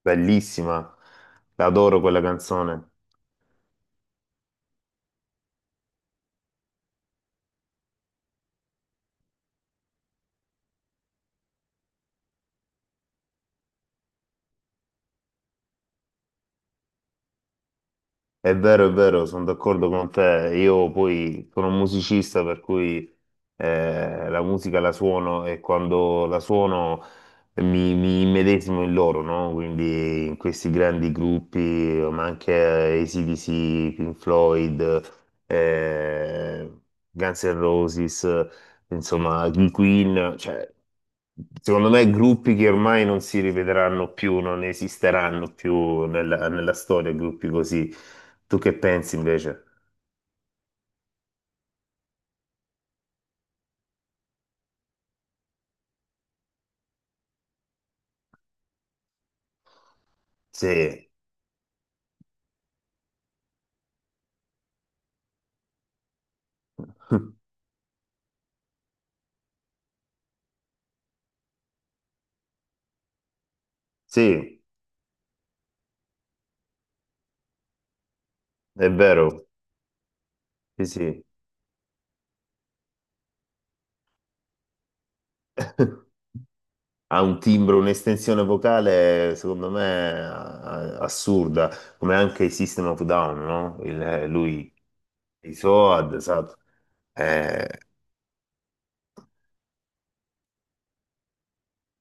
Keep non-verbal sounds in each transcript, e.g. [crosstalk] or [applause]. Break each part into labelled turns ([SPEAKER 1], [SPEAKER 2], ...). [SPEAKER 1] Bellissima, adoro quella canzone. È vero, sono d'accordo con te. Io poi sono un musicista, per cui la musica la suono e quando la suono mi immedesimo in loro, no? Quindi in questi grandi gruppi, ma anche AC/DC, Pink Floyd, eh, Guns N' Roses, insomma, King Queen, cioè, secondo me gruppi che ormai non si rivedranno più, non esisteranno più nella storia, gruppi così. Tu che pensi invece? Sì, [laughs] sì, è vero, sì, sì. [laughs] Ha un timbro, un'estensione vocale, secondo me, assurda, come anche i System of Down, no? Lui, i Soad, esatto. Eh,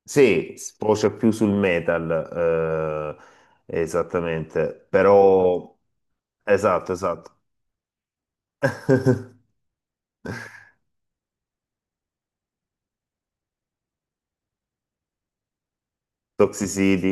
[SPEAKER 1] Sì, sfocia più sul metal, esattamente, però esatto, esatto. [laughs] Toxicity,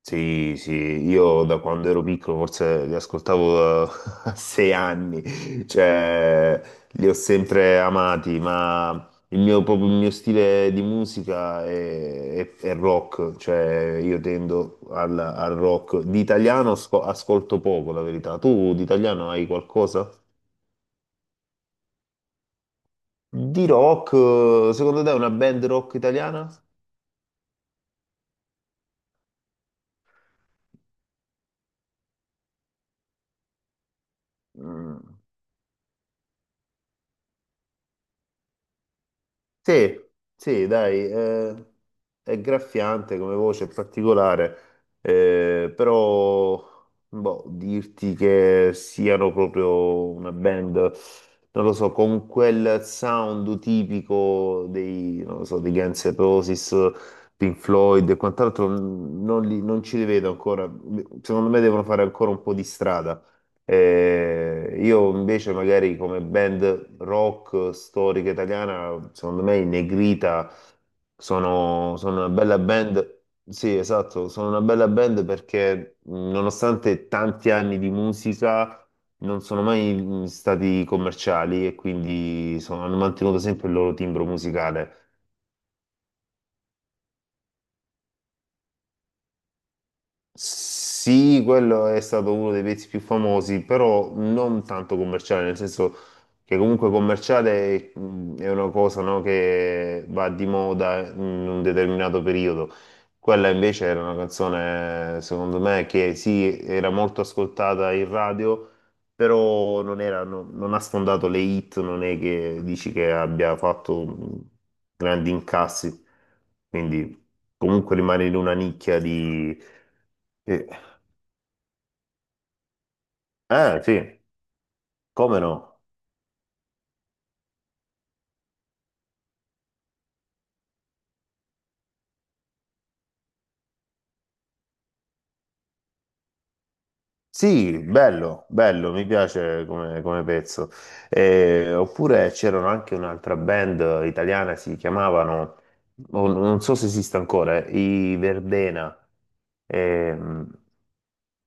[SPEAKER 1] sì, sì, io da quando ero piccolo forse li ascoltavo [laughs] a 6 anni, cioè li ho sempre amati, ma il mio, proprio il mio stile di musica è, è rock, cioè io tendo al rock. Di italiano ascolto poco, la verità. Tu di italiano hai qualcosa? Di rock, secondo te è una band rock italiana? Mm. Sì, sì, dai, è graffiante come voce, è particolare, però boh, dirti che siano proprio una band, non lo so, con quel sound tipico dei, non lo so, dei Guns N' Roses, Pink Floyd e quant'altro, non, non ci li vedo ancora, secondo me devono fare ancora un po' di strada. Io invece magari come band rock storica italiana, secondo me i Negrita sono una bella band. Sì, esatto, sono una bella band perché nonostante tanti anni di musica non sono mai stati commerciali e quindi hanno mantenuto sempre il loro timbro musicale. Sì, quello è stato uno dei pezzi più famosi, però non tanto commerciale, nel senso che comunque commerciale è una cosa, no, che va di moda in un determinato periodo. Quella invece era una canzone, secondo me, che sì, era molto ascoltata in radio, però non era, non ha sfondato le hit, non è che dici che abbia fatto grandi incassi, quindi comunque rimane in una nicchia di. Eh, eh, sì, come no? Sì, bello, bello, mi piace come pezzo. Oppure c'erano anche un'altra band italiana, si chiamavano, o non so se esiste ancora, i Verdena. Ehm,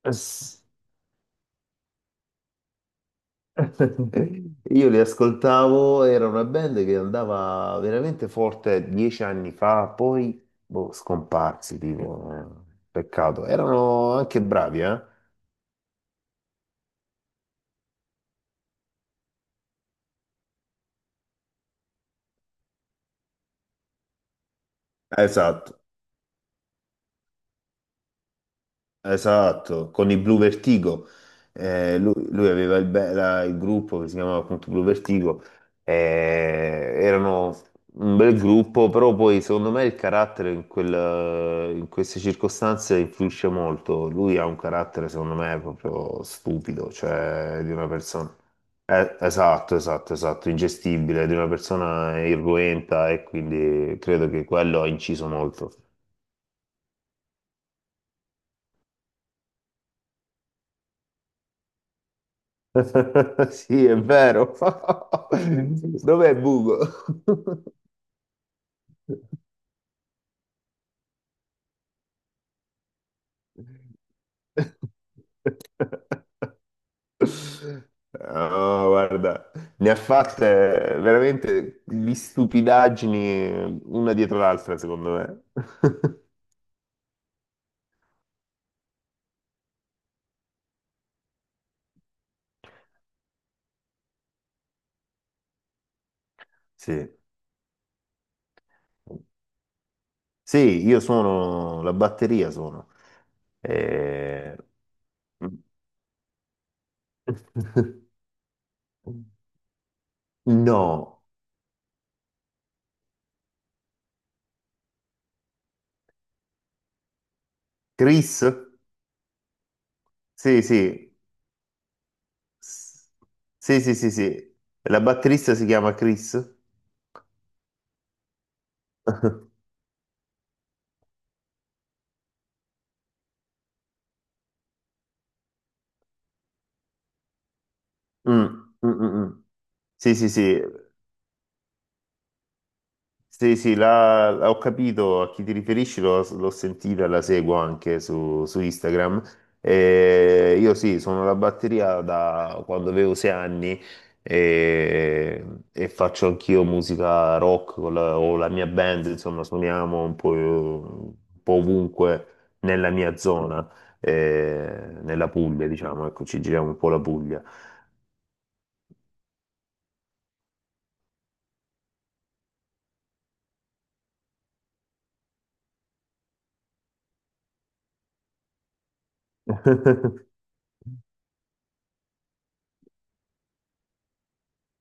[SPEAKER 1] s- [laughs] Io li ascoltavo, era una band che andava veramente forte 10 anni fa, poi boh, scomparsi, tipo, peccato. Erano anche bravi, eh? Esatto, esatto, con i Blue Vertigo. Lui aveva il, il gruppo che si chiamava appunto Blue Vertigo. Eh, Erano un bel gruppo, però poi secondo me il carattere in, in queste circostanze influisce molto. Lui ha un carattere, secondo me, proprio stupido, cioè di una persona. Esatto, esatto, esatto, ingestibile, di una persona irruenta e quindi credo che quello ha inciso molto. [laughs] Sì, è vero. [laughs] Dov'è Bugo? [laughs] No, guarda, ne ha fatte veramente di stupidaggini una dietro l'altra, secondo me. [laughs] Sì. Sì, io sono la batteria, sono. Eh, [laughs] No, Chris? Sì, sì, S- Sì, sì, sì, sì. La batterista si chiama Chris. [laughs] Mm, mm, mm, mm. Sì, sì, sì. Sì, sì, ho capito a chi ti riferisci, l'ho sentita, la seguo anche su Instagram. E io sì, sono la batteria da quando avevo 6 anni e, e faccio anch'io musica rock con o la mia band, insomma, suoniamo un po' ovunque nella mia zona, nella Puglia, diciamo, ecco, ci giriamo un po' la Puglia.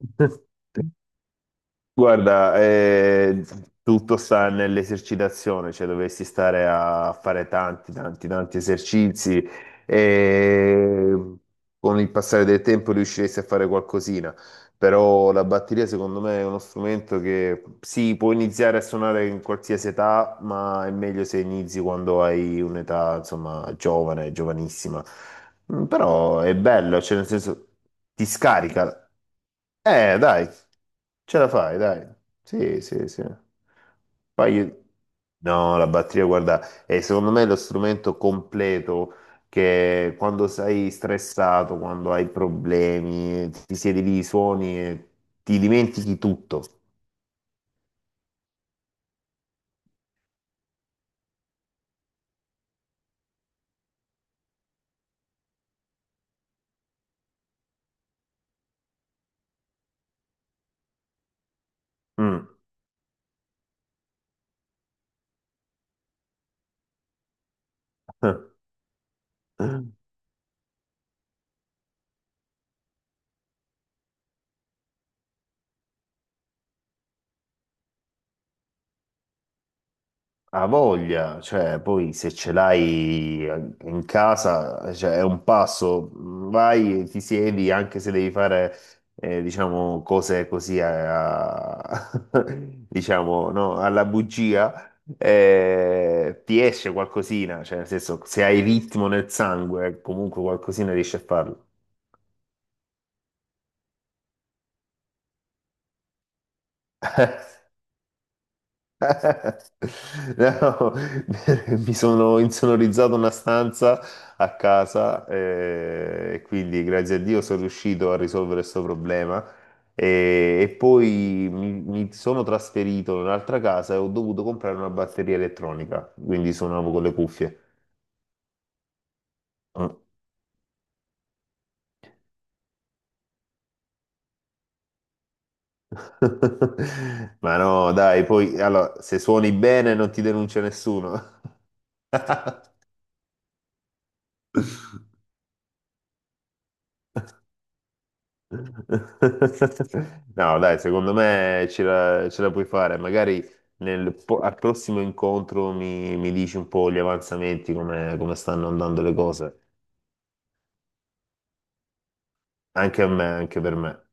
[SPEAKER 1] [laughs] Guarda, tutto sta nell'esercitazione, cioè dovresti stare a fare tanti, tanti, tanti esercizi e con il passare del tempo riusciresti a fare qualcosina, però la batteria secondo me è uno strumento che sì, può iniziare a suonare in qualsiasi età, ma è meglio se inizi quando hai un'età, insomma, giovane, giovanissima. Però è bello, cioè nel senso ti scarica. Dai. Ce la fai, dai. Sì, sì, sì. Poi io- No, la batteria, guarda, è secondo me lo strumento completo che quando sei stressato, quando hai problemi, ti siedi lì, suoni e ti dimentichi tutto. Mm. [laughs] Ha voglia, cioè poi se ce l'hai in casa, cioè, è un passo, vai, ti siedi, anche se devi fare, diciamo, cose così, [laughs] diciamo, no, alla bugia, ti esce qualcosina, cioè nel senso, se hai ritmo nel sangue, comunque qualcosina riesci a farlo. [laughs] No, [laughs] mi sono insonorizzato una stanza a casa e quindi grazie a Dio sono riuscito a risolvere questo problema e poi mi sono trasferito in un'altra casa e ho dovuto comprare una batteria elettronica, quindi suonavo con le cuffie. Mm. [laughs] Ma no, dai, poi allora, se suoni bene non ti denuncia nessuno. [laughs] No, dai, secondo me ce la puoi fare. Magari al prossimo incontro mi dici un po' gli avanzamenti, come stanno andando le cose. Anche a me, anche per me.